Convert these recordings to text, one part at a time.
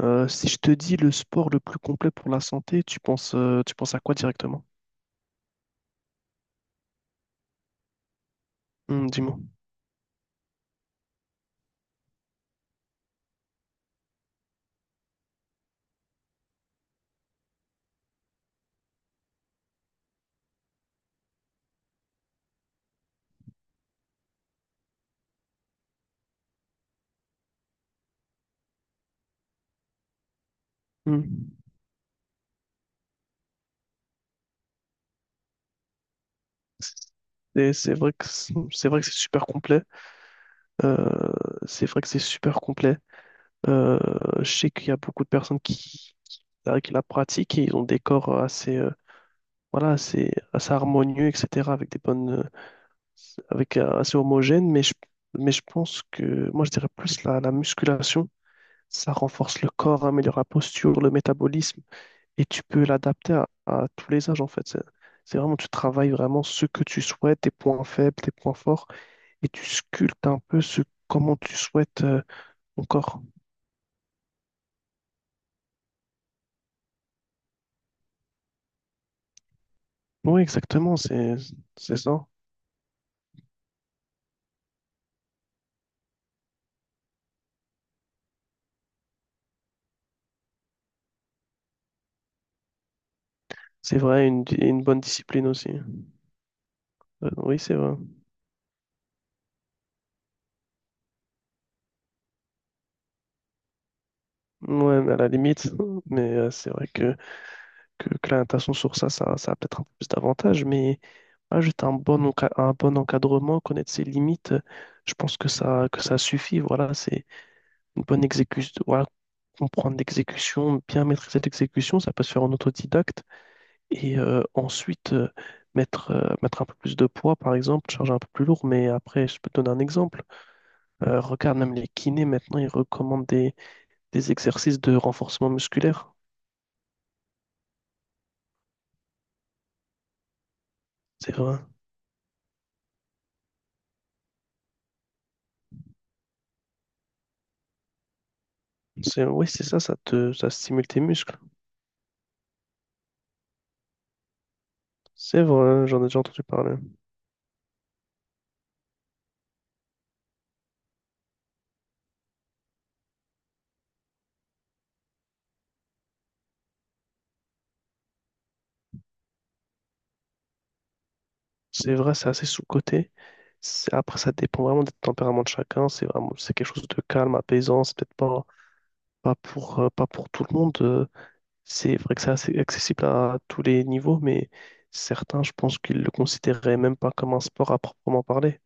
Si je te dis le sport le plus complet pour la santé, tu penses à quoi directement? Hmm, dis-moi. Hmm. Et c'est vrai que c'est vrai que c'est super complet. Euh, c'est vrai que c'est super complet. Euh, je sais qu'il y a beaucoup de personnes qui la pratiquent et ils ont des corps assez, voilà, assez harmonieux, etc., avec des bonnes, avec assez homogènes. Mais je pense que moi, je dirais plus la musculation. Ça renforce le corps, améliore la posture, le métabolisme. Et tu peux l'adapter à tous les âges en fait. C'est vraiment, tu travailles vraiment ce que tu souhaites, tes points faibles, tes points forts, et tu sculptes un peu ce comment tu souhaites ton corps. Oui, exactement, c'est ça. C'est vrai, une bonne discipline aussi. Oui, c'est vrai. Ouais, mais à la limite, mais c'est vrai que la natation sur ça, ça a peut-être un peu plus d'avantages, mais ah, juste un un bon encadrement, connaître ses limites, je pense que ça suffit. Voilà, c'est une bonne exécution, voilà, comprendre l'exécution, bien maîtriser l'exécution, ça peut se faire en autodidacte. Et ensuite, mettre un peu plus de poids, par exemple, charger un peu plus lourd. Mais après, je peux te donner un exemple. Regarde, même les kinés, maintenant, ils recommandent des exercices de renforcement musculaire. C'est vrai. C'est, oui, c'est ça, ça stimule tes muscles. C'est vrai, j'en ai déjà entendu parler. C'est vrai, c'est assez sous-coté. C'est- Après, ça dépend vraiment des tempéraments de chacun. C'est vraiment, c'est quelque chose de calme, apaisant. C'est peut-être pas pour, pas pour tout le monde. C'est vrai que c'est assez accessible à tous les niveaux, mais certains, je pense qu'ils le considéraient même pas comme un sport à proprement parler.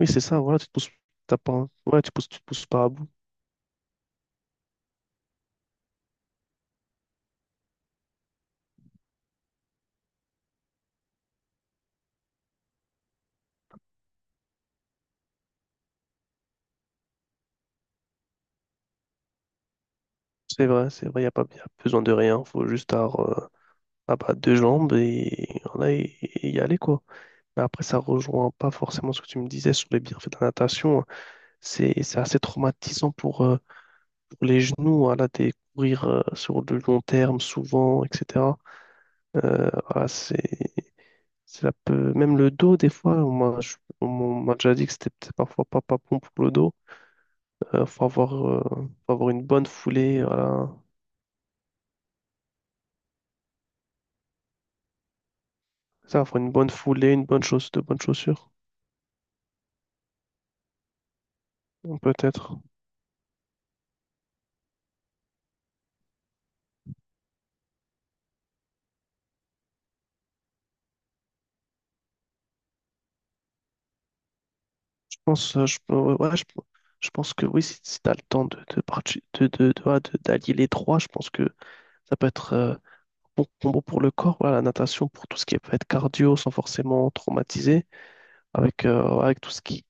Oui, c'est ça, voilà, tu te pousses, t'as pas, ouais, tu pousses, tu te pousses pas à bout. C'est vrai, il n'y a pas y a besoin de rien, faut juste avoir ah bah, deux jambes et, voilà, et y aller, quoi. Mais après, ça rejoint pas forcément ce que tu me disais sur les bienfaits de la natation, hein. C'est assez traumatisant pour les genoux, voilà, des courir sur le long terme souvent, etc. Euh, ah, c'est, c'est la peu- Même le dos, des fois, on m'a déjà dit que c'était peut-être parfois pas bon pour le dos. Faut avoir une bonne foulée, voilà. Ça, faut une bonne foulée, une bonne chaussure, de bonnes chaussures, hein, peut-être. Je pense, je, ouais, je pense que oui, si, si tu as le temps de, parti- de- ouais, de- d'allier les trois, je pense que ça peut être bon combo pour le corps, voilà, la natation pour tout ce qui peut être cardio sans forcément traumatiser avec, avec tout ce qui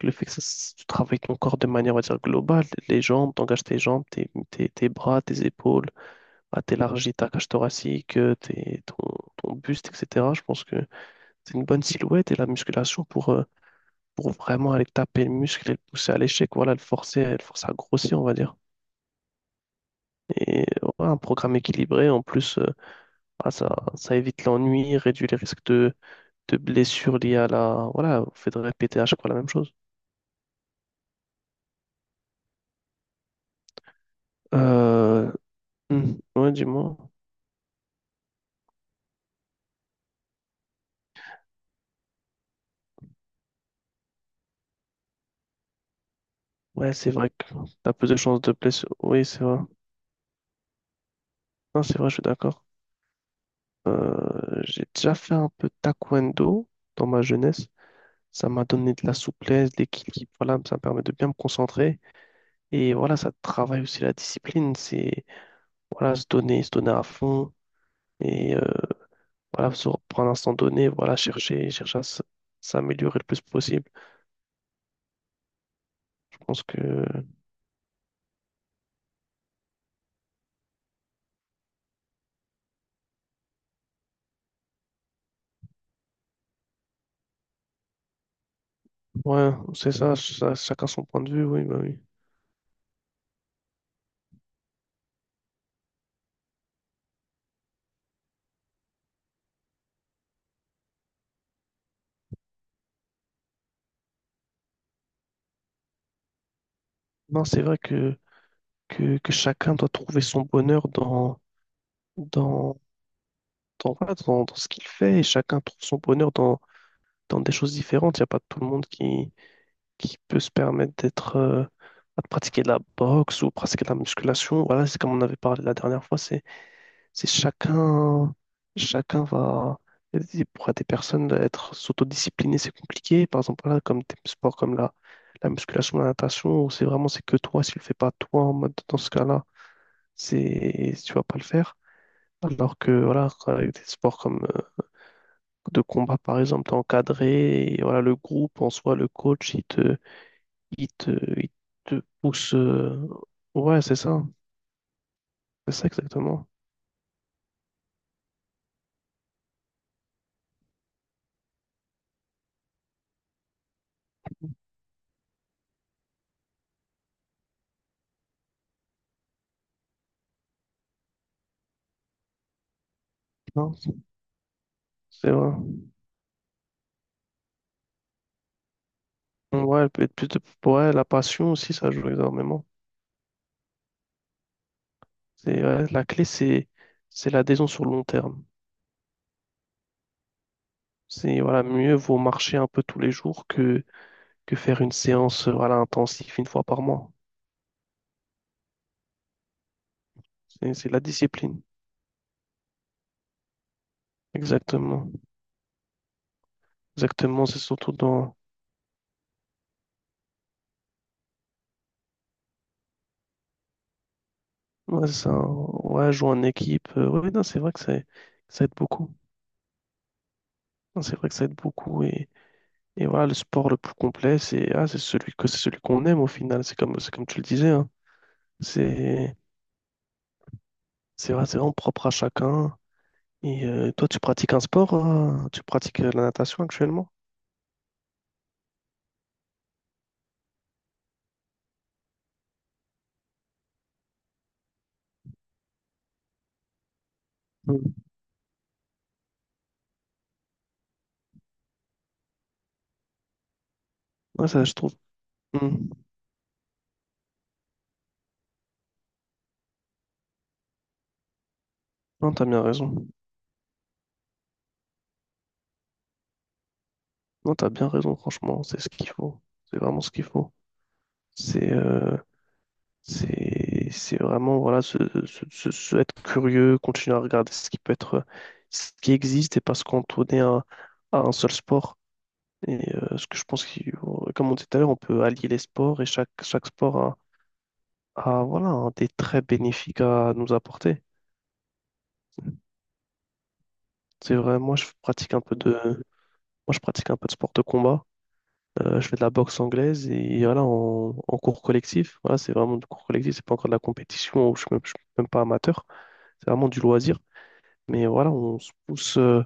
Le fait que ça tu travailles ton corps de manière, on va dire, globale, les jambes, t'engages tes jambes, tes bras, tes épaules, bah, t'élargis ta cage thoracique, ton buste, etc. Je pense que c'est une bonne silhouette et la musculation pour vraiment aller taper le muscle et le pousser à l'échec, voilà, le forcer à grossir, on va dire. Et voilà, un programme équilibré, en plus, voilà, ça évite l'ennui, réduit les risques de blessures liées à la, voilà, au fait de répéter à chaque fois la même chose. Euh, ouais, dis-moi. Ouais, c'est vrai que t'as plus de chances de blessure. Oui, c'est vrai. Non, c'est vrai, je suis d'accord. J'ai déjà fait un peu de taekwondo dans ma jeunesse. Ça m'a donné de la souplesse, de l'équilibre. Voilà, ça me permet de bien me concentrer. Et voilà, ça travaille aussi la discipline. C'est voilà, se donner à fond. Et voilà, se reprendre un instant donné. Voilà, chercher à s'améliorer le plus possible. Je pense que ouais, c'est ça, ça, chacun son point de vue. Oui, bah oui. Non, c'est vrai que, que chacun doit trouver son bonheur dans, dans voilà, dans ce qu'il fait et chacun trouve son bonheur dans des choses différentes. Il n'y a pas tout le monde qui peut se permettre d'être, de pratiquer de la boxe ou pratiquer de la musculation. Voilà, c'est comme on avait parlé la dernière fois, c'est chacun, chacun va. Et pour des personnes, être s'autodiscipliner, c'est compliqué. Par exemple, là, comme des sports comme la musculation, la natation, où c'est vraiment c'est que toi, si tu le fais pas toi, en mode dans ce cas-là, c'est tu vas pas le faire. Alors que voilà, avec des sports comme de combat par exemple, t'es encadré et voilà, le groupe en soi, le coach, il te, il te pousse. Ouais, c'est ça exactement. Non, c'est vrai. Ouais, elle peut être plus de... ouais, la passion aussi, ça joue énormément. C'est ouais, la clé, c'est l'adhésion sur le long terme. C'est voilà, mieux vaut marcher un peu tous les jours que faire une séance voilà, intensive une fois par mois. C'est la discipline. Exactement. Exactement, c'est surtout dans Ouais, ouais, jouer en équipe. Ouais, non, c'est vrai que c'est- ça aide beaucoup. Non, c'est vrai que ça aide beaucoup. Et voilà, le sport le plus complet, c'est ah, c'est celui que c'est celui qu'on aime au final. C'est comme tu le disais, hein. C'est c'est vrai, c'est vraiment propre à chacun. Et toi, tu pratiques un sport, hein? Tu pratiques la natation actuellement? Mm. Ouais, ça, je trouve. Mm. Non, t'as bien raison. Non, t'as bien raison, franchement. C'est ce qu'il faut. C'est vraiment ce qu'il faut. C'est euh, c'est vraiment voilà, être curieux, continuer à regarder ce qui peut être, ce qui existe et pas se cantonner à un seul sport. Et ce que je pense, comme on disait tout à l'heure, on peut allier les sports et chaque sport a, voilà, un des traits bénéfiques à nous apporter. C'est vrai, moi je pratique un peu de sport de combat. Je fais de la boxe anglaise et voilà, en cours collectif. Voilà, c'est vraiment du cours collectif, c'est pas encore de la compétition, ou je suis même pas amateur, c'est vraiment du loisir. Mais voilà,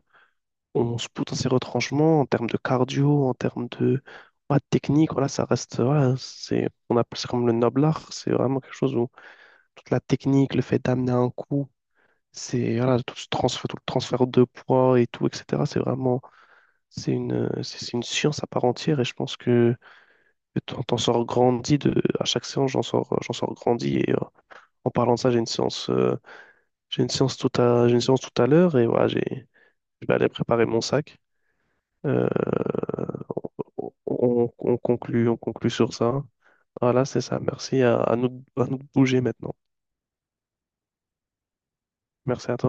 on se pousse dans ces retranchements en termes de cardio, en termes de ouais, de technique. Voilà, ça reste, voilà, c'est, on appelle ça comme le noble art. C'est vraiment quelque chose où toute la technique, le fait d'amener un coup, c'est voilà, tout le transfert de poids et tout, etc. C'est vraiment, c'est une, c'est une science à part entière. Et je pense que t'en sors grandi de, à chaque séance, j'en sors grandi. Et en parlant de ça, j'ai une séance tout à, j'ai une séance tout à l'heure et voilà, j'ai, je vais aller préparer mon sac. Euh, on conclut sur ça. Voilà, c'est ça. Merci à nous de bouger maintenant. Merci à toi.